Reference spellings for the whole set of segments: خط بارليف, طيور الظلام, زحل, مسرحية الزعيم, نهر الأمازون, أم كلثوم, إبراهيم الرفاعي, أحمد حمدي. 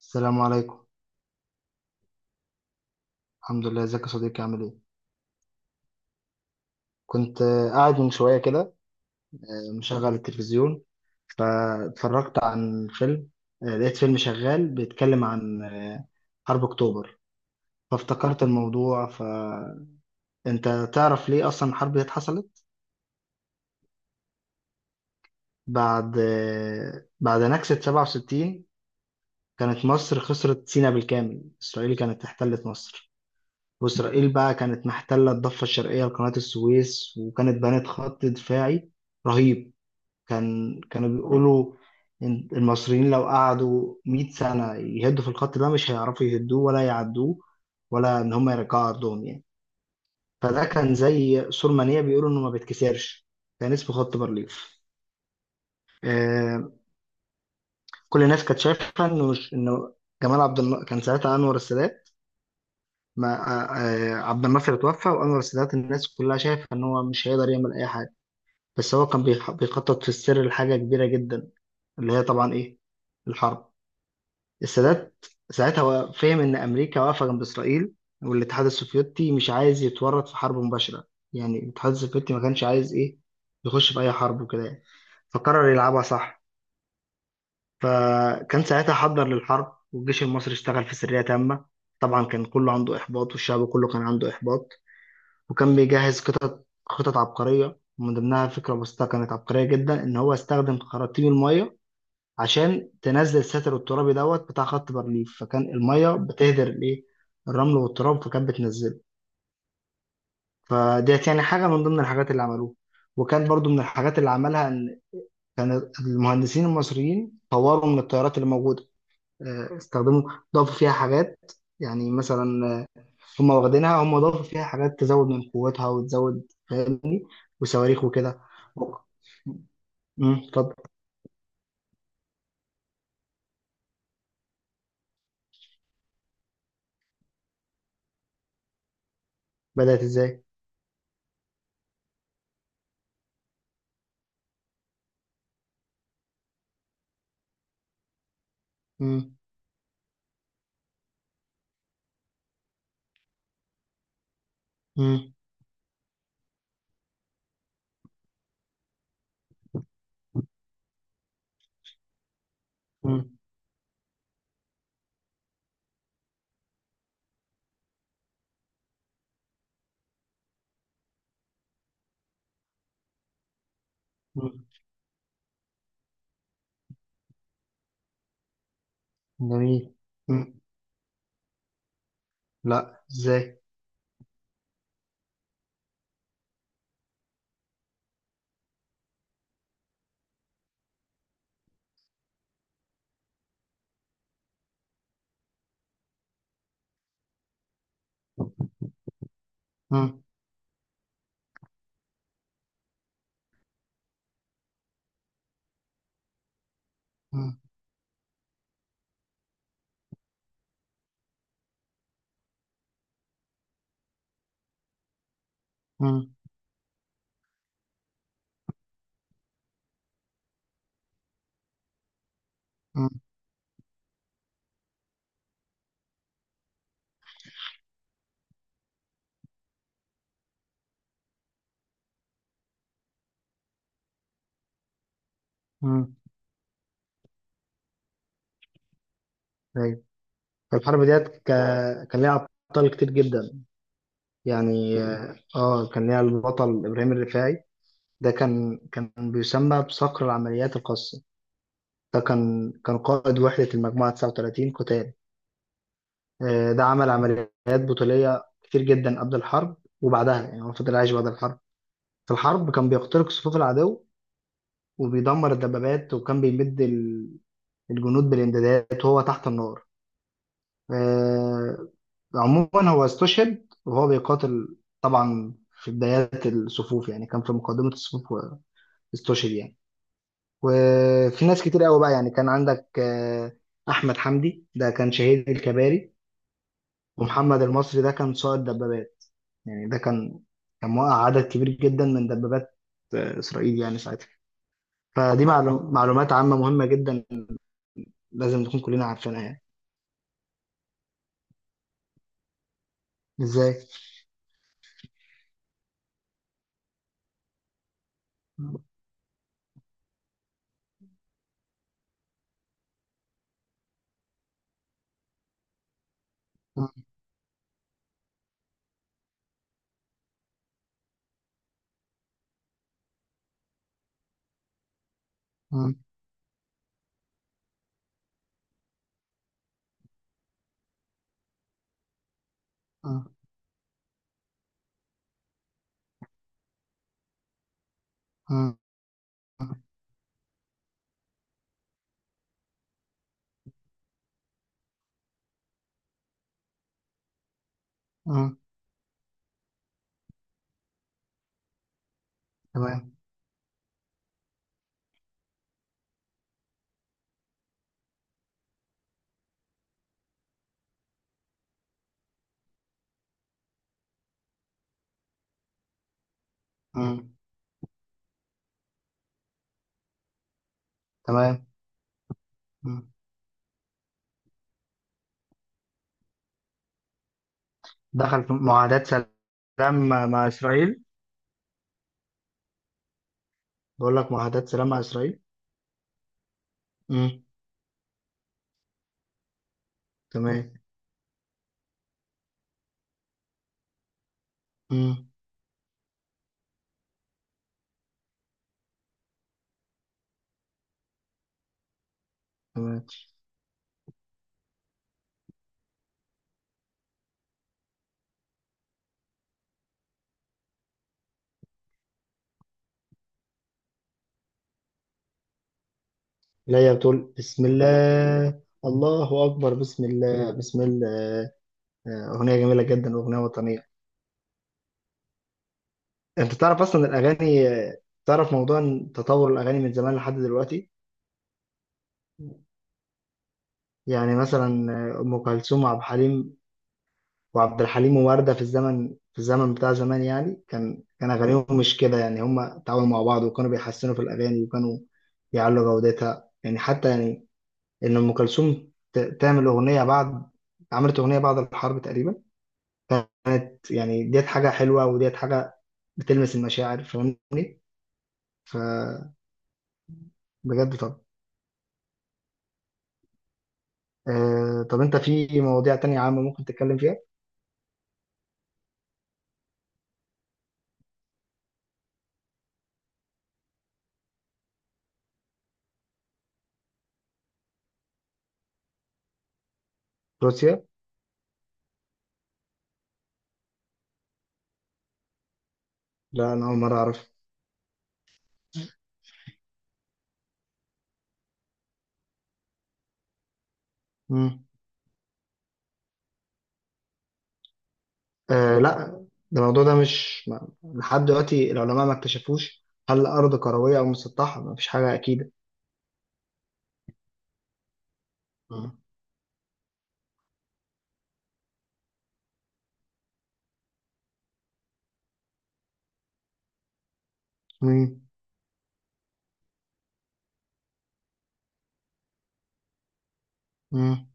السلام عليكم. الحمد لله، ازيك يا صديقي؟ عامل ايه؟ كنت قاعد من شويه كده. مشغل التلفزيون، فاتفرجت عن فيلم. لقيت فيلم شغال بيتكلم عن حرب اكتوبر. فافتكرت الموضوع، فانت تعرف ليه اصلا الحرب دي اتحصلت؟ بعد نكسة 67 كانت مصر خسرت سيناء بالكامل، اسرائيل كانت احتلت مصر. واسرائيل بقى كانت محتله الضفه الشرقيه لقناه السويس، وكانت بنت خط دفاعي رهيب. كانوا بيقولوا إن المصريين لو قعدوا 100 سنة يهدوا في الخط ده مش هيعرفوا يهدوه ولا يعدوه، ولا إن هم يرجعوا أرضهم يعني. فده كان زي سور منيع بيقولوا إنه ما بيتكسرش. كان اسمه خط بارليف. آه كل الناس كانت شايفة إنه مش إنه جمال عبد الناصر كان ساعتها أنور السادات. ما آه آه، عبد الناصر اتوفى، وأنور السادات الناس كلها شايفة إن هو مش هيقدر يعمل أي حاجة. بس هو كان بيخطط في السر لحاجة كبيرة جدا. اللي هي طبعا إيه؟ الحرب. السادات ساعتها هو فهم إن أمريكا واقفة جنب إسرائيل، والاتحاد السوفيتي مش عايز يتورط في حرب مباشرة. يعني الاتحاد السوفيتي ما كانش عايز إيه، يخش في أي حرب وكده يعني. فقرر يلعبها صح. فكان ساعتها حضر للحرب، والجيش المصري اشتغل في سرية تامة. طبعا كان كله عنده إحباط، والشعب كله كان عنده إحباط. وكان بيجهز خطط خطط عبقرية، ومن ضمنها فكرة بسيطة كانت عبقرية جدا إن هو استخدم خراطيم المية عشان تنزل الساتر الترابي دوت بتاع خط بارليف. فكان المية بتهدر الايه، الرمل والتراب، فكانت بتنزله. فديت يعني حاجة من ضمن الحاجات اللي عملوها. وكان برضو من الحاجات اللي عملها ان كان المهندسين المصريين طوروا من الطيارات اللي موجودة. استخدموا، ضافوا فيها حاجات. يعني مثلا، هم واخدينها، هم ضافوا فيها حاجات تزود من قوتها وتزود، فاهم؟ وصواريخ وكده. امم، اتفضل. بدأت ازاي؟ امم. امم. امم. جميل. لا، ازاي؟ مم. مم. مم. مم. مم. ايوه. الحرب ديت كان ليها ابطال كتير جدا يعني. اه، كان ليها البطل ابراهيم الرفاعي. ده كان بيسمى بصقر العمليات الخاصه. ده كان قائد وحده المجموعه 39 قتال. ده عمل عمليات بطوليه كتير جدا قبل الحرب وبعدها. يعني هو فضل عايش بعد الحرب. في الحرب كان بيخترق صفوف العدو وبيدمر الدبابات، وكان بيمد الجنود بالامدادات وهو تحت النار. آه، عموما هو استشهد وهو بيقاتل، طبعا في بدايات الصفوف، يعني كان في مقدمة الصفوف واستشهد يعني. وفي ناس كتير قوي بقى، يعني كان عندك أحمد حمدي، ده كان شهيد الكباري. ومحمد المصري ده كان سائق دبابات. يعني ده كان كان موقع عدد كبير جدا من دبابات إسرائيل يعني ساعتها. فدي معلومات عامة مهمة جدا، لازم نكون كلنا عارفينها يعني. ازاي؟ م- م- م- م- م- م- تمام. م- تمام. مم. دخل في معاهدات سلام مع إسرائيل. بقول لك معاهدات سلام مع إسرائيل. مم. تمام. مم. تمام. لا، هي بتقول بسم الله الله أكبر بسم الله بسم الله. أغنية جميلة جدا، أغنية وطنية. أنت تعرف أصلا الأغاني، تعرف موضوع إن تطور الأغاني من زمان لحد دلوقتي؟ يعني مثلا، أم كلثوم وعبد الحليم، وعبد الحليم ووردة في الزمن بتاع زمان. يعني كان أغانيهم مش كده، يعني هم تعاونوا مع بعض وكانوا بيحسنوا في الأغاني وكانوا بيعلوا جودتها يعني. حتى يعني إن أم كلثوم تعمل أغنية بعد، عملت أغنية بعد الحرب تقريبا. كانت يعني ديت حاجة حلوة، وديت حاجة بتلمس المشاعر، فاهمني؟ فبجد. طب، طب أنت في مواضيع تانية عامة ممكن تتكلم فيها؟ روسيا. لا، أنا أول مرة أعرف. مم. لا، ده الموضوع ده مش لحد دلوقتي العلماء ما اكتشفوش هل الأرض كروية أو مسطحة. ما فيش حاجة أكيدة. مم. مم. مم.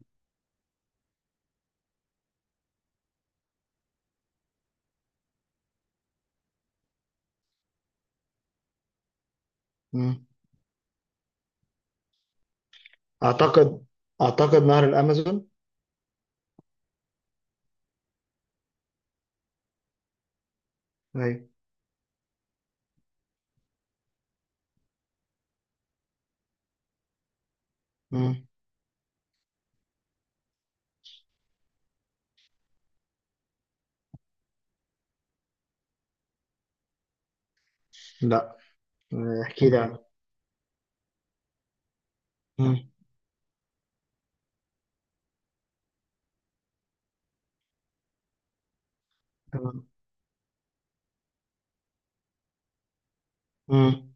مم. أعتقد أعتقد نهر الأمازون. أيوة. مم. لا. احكي لي عنه. مم. تمام. مم.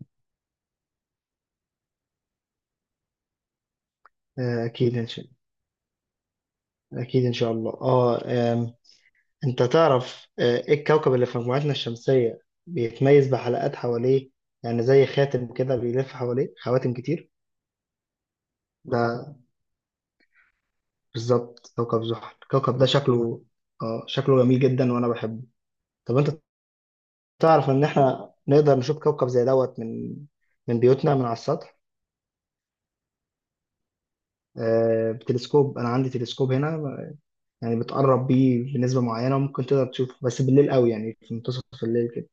آه، أكيد إن شاء أكيد إن شاء الله. أه آم، أنت تعرف إيه الكوكب اللي في مجموعتنا الشمسية بيتميز بحلقات حواليه؟ يعني زي خاتم كده بيلف حواليه خواتم كتير. ده بالظبط كوكب زحل. الكوكب ده شكله، اه، شكله جميل جدا وانا بحبه. طب انت تعرف ان احنا نقدر نشوف كوكب زي دوت من بيوتنا من على السطح؟ بتلسكوب. انا عندي تلسكوب هنا، يعني بتقرب بيه بنسبة معينة ممكن تقدر تشوفه، بس بالليل قوي يعني في منتصف الليل كده.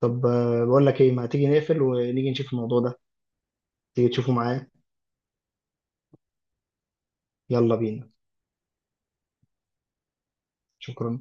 طب بقول لك ايه، ما تيجي نقفل ونيجي نشوف الموضوع ده؟ تيجي تشوفه معايا. يلا بينا. شكرا.